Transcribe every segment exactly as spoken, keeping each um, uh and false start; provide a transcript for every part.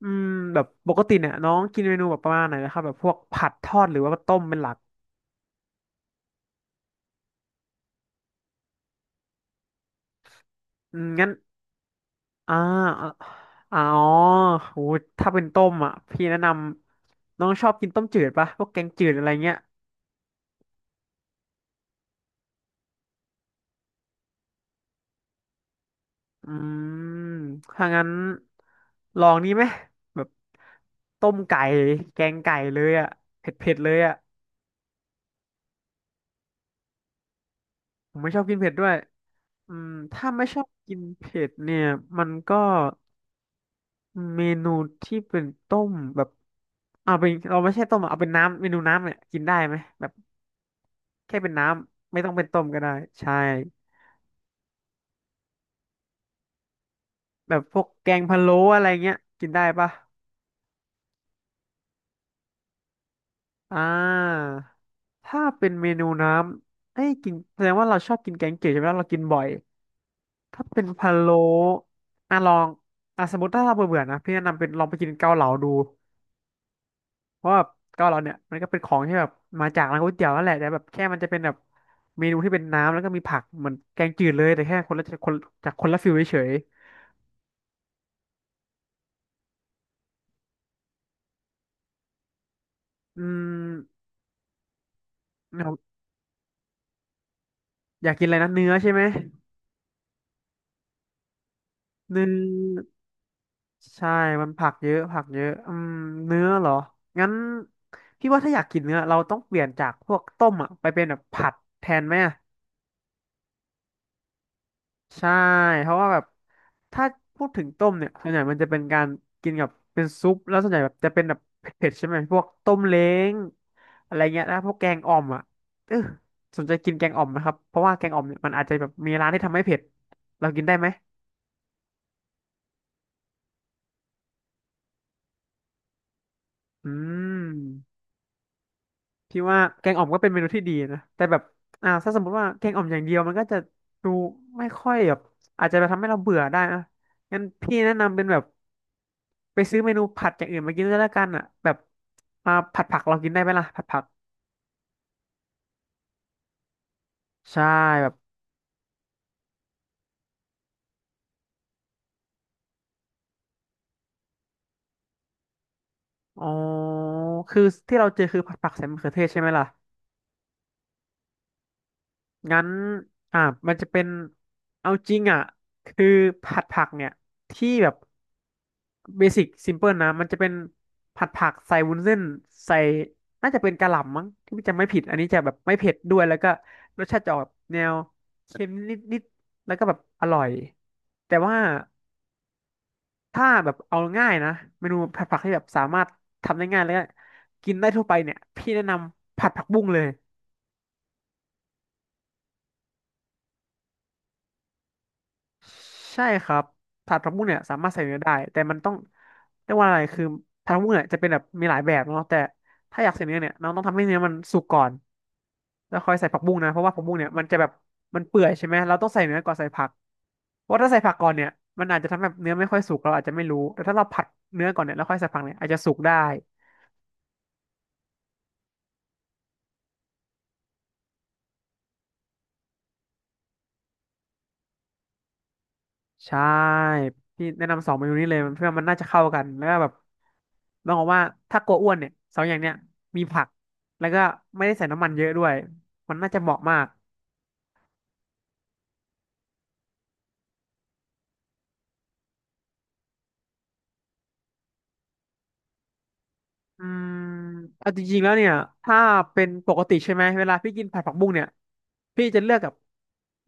อืมแบบปกติเนี่ยน้องกินเมนูแบบประมาณไหนนะครับแบบพวกผัดทอดหรือว่าต้มเป็นหลักอืมงั้นอ่าอ่าอ๋อโหถ้าเป็นต้มอ่ะพี่แนะนำน้องชอบกินต้มจืดปะพวกแกงจืดอะไรเงี้ยอืมถ้างั้นลองนี้ไหมแบบต้มไก่แกงไก่เลยอ่ะเผ็ดเผ็ดเลยอ่ะผมไม่ชอบกินเผ็ดด้วยอืมถ้าไม่ชอบกินเผ็ดเนี่ยมันก็ เมนูที่เป็นต้มแบบเอาเป็นเราไม่ใช่ต้มอะเอาเป็นน้ำเมนูน้ำเนี่ยกินได้ไหมแบบแค่เป็นน้ำไม่ต้องเป็นต้มก็ได้ใช่แบบพวกแกงพะโล้อะไรเงี้ยกินได้ปะอ่าถ้าเป็นเมนูน้ำเอ้ยกินแสดงว่าเราชอบกินแกงเขียวใช่ไหมเรากินบ่อยถ้าเป็นพะโล้อ่ะลองอ่ะสมมติถ้าเราเบื่อๆนะพี่แนะนำเป็นลองไปกินเกาเหลาดู เพราะว่าเกาเหลาเนี่ยมันก็เป็นของที่แบบมาจากร้านก๋วยเตี๋ยวนั่นแหละแต่แบบแค่มันจะเป็นแบบเมนูที่เป็นน้ำแล้วก็มีผักเหมือนแกงจืดเลยแต่แค่คนละคนจากคนละฟิลเฉยๆอืมนะครับอยากกินอะไรนะเนื้อใช่ไหมเนื้อใช่มันผักเยอะผักเยอะอืมเนื้อเหรองั้นพี่ว่าถ้าอยากกินเนื้อเราต้องเปลี่ยนจากพวกต้มอ่ะไปเป็นแบบผัดแทนไหม ใช่เพราะว่าแบบถ้าพูดถึงต้มเนี่ยส่วนใหญ่มันจะเป็นการกินกับเป็นซุปแล้วส่วนใหญ่แบบจะเป็นแบบเผ็ดๆใช่ไหมพวกต้มเล้งอะไรเงี้ยแล้วพวกแกงอ่อมอ่ะเออสนใจกินแกงอ่อมนะครับเพราะว่าแกงอ่อมเนี่ยมันอาจจะแบบมีร้านที่ทำให้เผ็ดเรากินได้ไหมอืมพี่ว่าแกงอ่อมก็เป็นเมนูที่ดีนะแต่แบบอ่าถ้าสมมติว่าแกงอ่อมอย่างเดียวมันก็จะดูไม่ค่อยแบบอาจจะไปทำให้เราเบื่อได้นะงั้นพี่แนะนำเป็นแบบ ไปซื้อเมนูผัดอย่างอื่นมากินด้วยแล้วกันอ่ะแบบมาผัดผักเรากินได้ไหมล่ะผัดผักใช่แบบอ๋อคือที่เราเจอคือผัดผักใส่มะเขือเทศใช่ไหมล่ะงั้นอ่ามันจะเป็นเอาจริงอ่ะคือผัดผักเนี่ยที่แบบเบสิกซิมเพิลนะมันจะเป็นผัดผักใส่วุ้นเส้นใส่น่าจะเป็นกะหล่ำมั้งที่จะไม่ผิดอันนี้จะแบบไม่เผ็ดด้วยแล้วก็รสชาติจะออกแนวเค็มนิดๆแล้วก็แบบอร่อยแต่ว่า ถ้าแบบเอาง่ายนะเมนูผัดผักที่แบบสามารถทำได้ง่ายแล้วก็กินได้ทั่วไปเนี่ยพี่แนะนำผัดผักบุ้งเลยใช่ครับผัดผักบุ้งเนี่ยสามารถใส่เนื้อได้แต่มันต้องเรียกว่าอะไรคือผัดผักบุ้งเนี่ยจะเป็นแบบมีหลายแบบเนาะแต่ถ้าอยากใส่เนื้อเนี่ยน้องต้องทำให้เนื้อมันสุกก่อนแล้วค่อยใส่ผักบุ้งนะเพราะว่าผักบุ้งเนี่ยมันจะแบบมันเปื่อยใช่ไหมเราต้องใส่เนื้อก่อนใส่ผักเพราะถ้าใส่ผักก่อนเนี่ยมันอาจจะทำให้แบบเนื้อไม่ค่อยสุกเราอาจจะไม่รู้แต่ถ้าเราผัดเนื้อก่อนเนี่ยแล้วค่อยใส่ผักเนี่ยอาจจะสุกได้ ใช่พี่แนะนำสองเมนูนี้เลยเพื่อมันน่าจะเข้ากันแล้วก็แบบต้องบอกว่าถ้ากลัวอ้วนเนี่ยสองอย่างเนี้ยมีผักแล้วก็ไม่ได้ใส่น้ำมันเยอะด้วยมันน่าจะเหมาะมากอืมเอาจริงๆแล้วเนี่ยถ้าเป็นปกติใช่ไหมเวลาพี่กินผัดผักบุ้งเนี่ยพี่จะเลือกกับ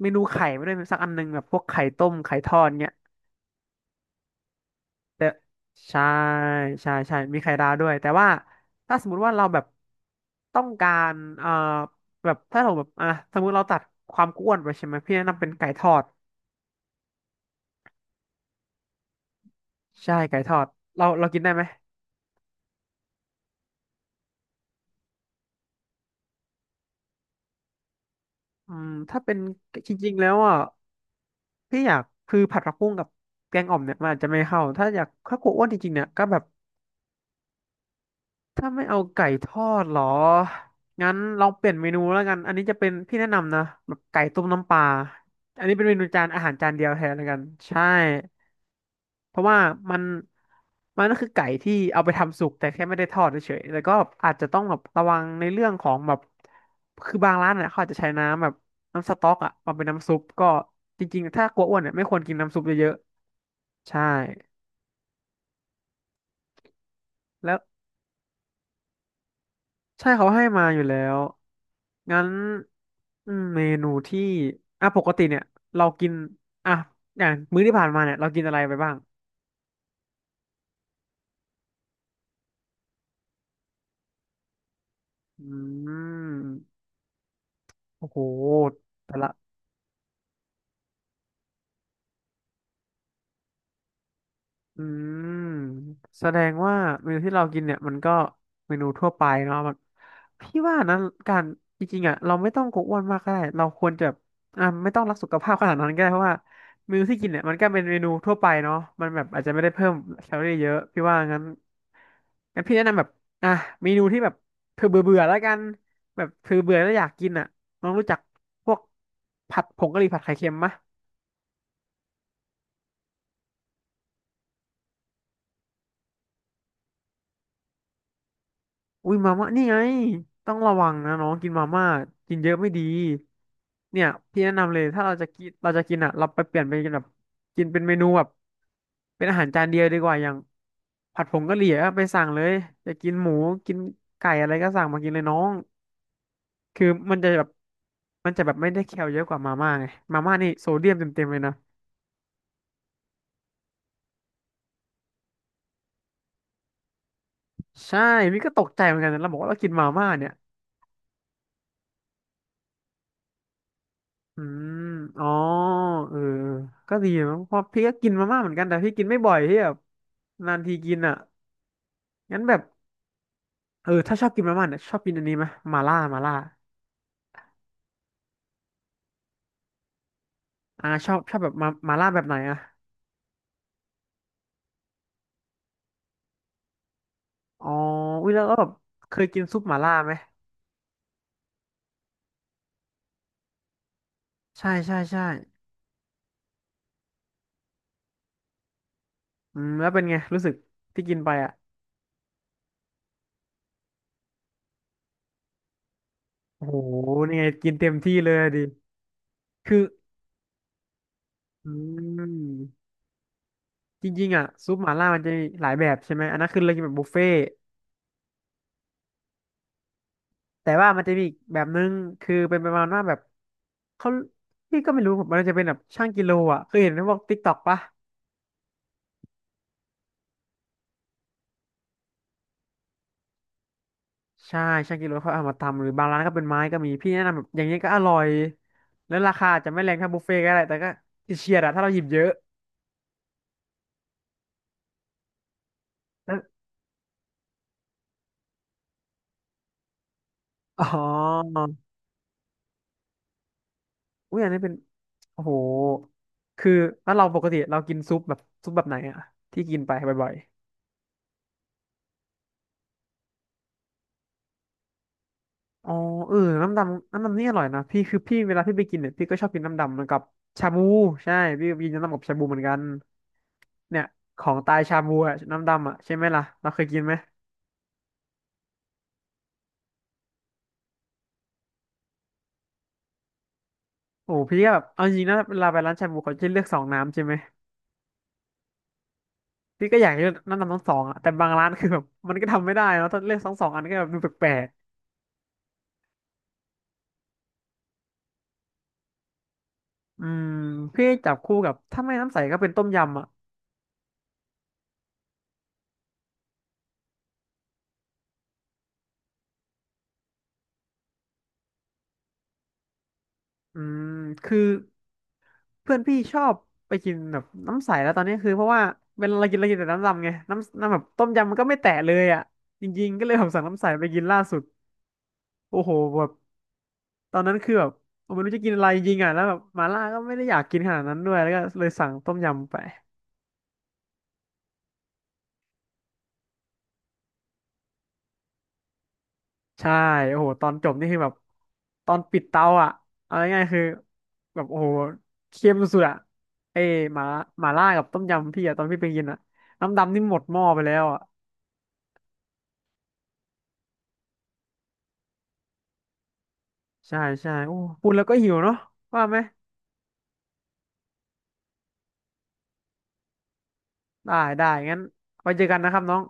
เมนูไข่ไม่ได้วยสักอันหนึงแบบพวกไข่ต้มไข่ทอดเนี่ย แต่ใช่ใช่ใช่มีไข่ดาวด้วยแต่ว่าถ้าสมมติว่าเราแบบต้องการเอ่อแบบถ้าเราแบบอ่ะสมมติเราตัดความอ้วนไปใช่ไหมพี่แนะนำเป็นไก่ทอดใช่ไก่ทอดเราเรากินได้ไหมอืมถ้าเป็นจริงๆแล้วอ่ะพี่อยากคือผัดผักบุ้งกับแกงอ่อมเนี่ยมันอาจจะไม่เข้าถ้าอยากถ้ากลัวอ้วนจริงๆเนี่ยก็แบบ ถ้าไม่เอาไก่ทอดเหรองั้นลองเปลี่ยนเมนูแล้วกันอันนี้จะเป็นพี่แนะนำนะแบบไก่ต้มน้ำปลาอันนี้เป็นเมนูจานอาหารจานเดียวแทนแล้วกันใช่เพราะว่ามันมันก็คือไก่ที่เอาไปทำสุกแต่แค่ไม่ได้ทอดเฉยๆแล้วก็อาจจะต้องแบบระวังในเรื่องของแบบคือบางร้านเนี่ยเขาอาจจะใช้น้ำแบบน้ำสต๊อกอะมาเป็นน้ำซุปก็จริงๆถ้ากลัวอ้วนเนี่ยไม่ควรกินน้ำซุปเยอะๆใช่แล้ว ใช่เขาให้มาอยู่แล้วงั้นอืมเมนูที่อ่ะปกติเนี่ยเรากินอ่ะอย่างมื้อที่ผ่านมาเนี่ยเรากินอะไรไปบ้างอืมโอ้โหแต่ละ อืมแสดงว่าเมนูที่เรากินเนี่ยมันก็เมนูทั่วไปเนาะมันพี่ว่านะการจริงๆอ่ะเราไม่ต้องกลัวอ้วนมากก็ได้เราควรจะแบบอ่าไม่ต้องรักสุขภาพขนาดนั้นก็ได้เพราะว่าเมนูที่กินเนี่ยมันก็เป็นเมนูทั่วไปเนาะมันแบบอาจจะไม่ได้เพิ่มแคลอรี่เยอะพี่ว่างั้นงั้นพี่แนะนำแบบอ่ะเมนูที่แบบเธอเบื่อเบื่อแล้วกันแบบเธอเบื่อแล้วอยากกินอ่ะน้องรู้จักพวกผัดผงกะหรี่ผัดไข่เค็มมะ อุ้ยมาม่านี่ไงต้องระวังนะน้องกินมาม่ากินเยอะไม่ดีเนี่ยพี่แนะนำเลยถ้าเราจะกินเราจะกินอ่ะเราไปเปลี่ยนไปกินแบบกินเป็นเมนูแบบเป็นอาหารจานเดียวดีกว่าอย่างผัดผงกะหรี่ก็ไปสั่งเลยจะกินหมูกินไก่อะไรก็สั่งมากินเลยน้องคือมันจะแบบมันจะแบบไม่ได้แคลเยอะกว่ามาม่าไงมาม่านี่โซเดียมเต็มๆเลยนะใช่พี่ก็ตกใจเหมือนกันนะเราบอกว่าเรากินมาม่าเนี่ย อืมอ๋อเออก็ดีมะเพราะพี่ก็กินมาม่าเหมือนกัน แต่พี่กินไม่บ่อยพี่แบบนานทีกินอ่ะงั้นแบบเออถ้าชอบกินมาม่าเนี่ยชอบกินอันนี้ไหมมาล่ามาล่าอ่าชอบชอบแบบมามาล่าแบบไหนอ่ะอ๋ออุ้ยแล้วก็แบบเคยกินซุปมาล่าไหม ใช่ใช่ใช่อืมแล้วเป็นไงรู้สึกที่กินไปอ่ะโอ้โหนี่ไงกินเต็มที่เลยอะดิคืออืมจริงๆอ่ะซุปมาล่ามันจะมีหลายแบบใช่ไหม อันนั้นคือเรากินแบบบุฟเฟ่ แต่ว่ามันจะมีอีกแบบนึงคือเป็นประมาณว่าแบบเขาพี่ก็ไม่รู้ผมมันจะเป็นแบบช่างกิโลอ่ะเคยเห็นในพวกติ๊กต็อกปะใช่ช่างกิโลเขาเอามาทำหรือบางร้านก็เป็นไม้ก็มีพี่แนะนำแบบอย่างนี้ก็อร่อยแล้วราคาอาจจะไม่แรงเท่าบุฟเฟ่ต์ก็ได้แต่ก็เฉียดๆอะถ้าเราหยิบเยอะแล้วอ๋ออุ้ยอันนี้เป็นโอ้โหคือถ้าเราปกติเรากินซุปแบบซุปแบบไหนอะที่กินไปบ่อย อ๋อเออน้ำดำน้ำดำนี่อร่อยนะพี่คือพี่เวลาพี่ไปกินเนี่ยพี่ก็ชอบกินน้ำดำเหมือนกับชาบูใช่พี่ก็กินน้ำดำกับชาบูเหมือนกันเนี่ยของตายชาบูอะน้ำดำอะใช่ไหมล่ะเราเคยกินไหมโอ้พี่ก็แบบเอาจริงนะเวลาไปร้านชาบูเขาจะเลือกสองน้ำใช่ไหมพี่ก็อยากเลือกน้ำดำทั้งสองอะแต่บางร้านคือแบบมันก็ทำไม่ได้เนอะถ้าเลือกทั้งสองอันก็แบบดูแปลกๆอืมพี่จับคู่กับถ้าไม่น้ำใสก็เป็นต้มยำอะอืมคือ เพื่อนพี่ชอบไปกินแบบน้ำใสแล้วตอนนี้คือเพราะว่าเวลาเรากินเรากินแต่น้ำดำไงน้ำน้ำแบบต้มยำมันก็ไม่แตะเลยอ่ะจริงๆก็เลยผมสั่งน้ำใสไปกินล่าสุดโอ้โหแบบตอนนั้นคือแบบผมไม่รู้จะกินอะไรจริงๆอ่ะแล้วแบบมาล่าก็ไม่ได้อยากกินขนาดนั้นด้วยแล้วก็เลยสั่งต้มยำไปใช่โอ้โหตอนจบนี่คือแบบตอนปิดเตาอ่ะเอาง่ายๆคือแบบโอ้โหเค็มสุดๆอ่ะเอ้ยหมาหมาล่ากับต้มยำพี่อ่ะตอนพี่ไปกินอ่ะน้ำดำนี่หมดหม้อไปแล้วอ่ะ ใช่ใช่โอ้พูดแล้วก็หิวเนาะว่าไหม ได้ได้งั้นไว้เจอกันนะครับน้อง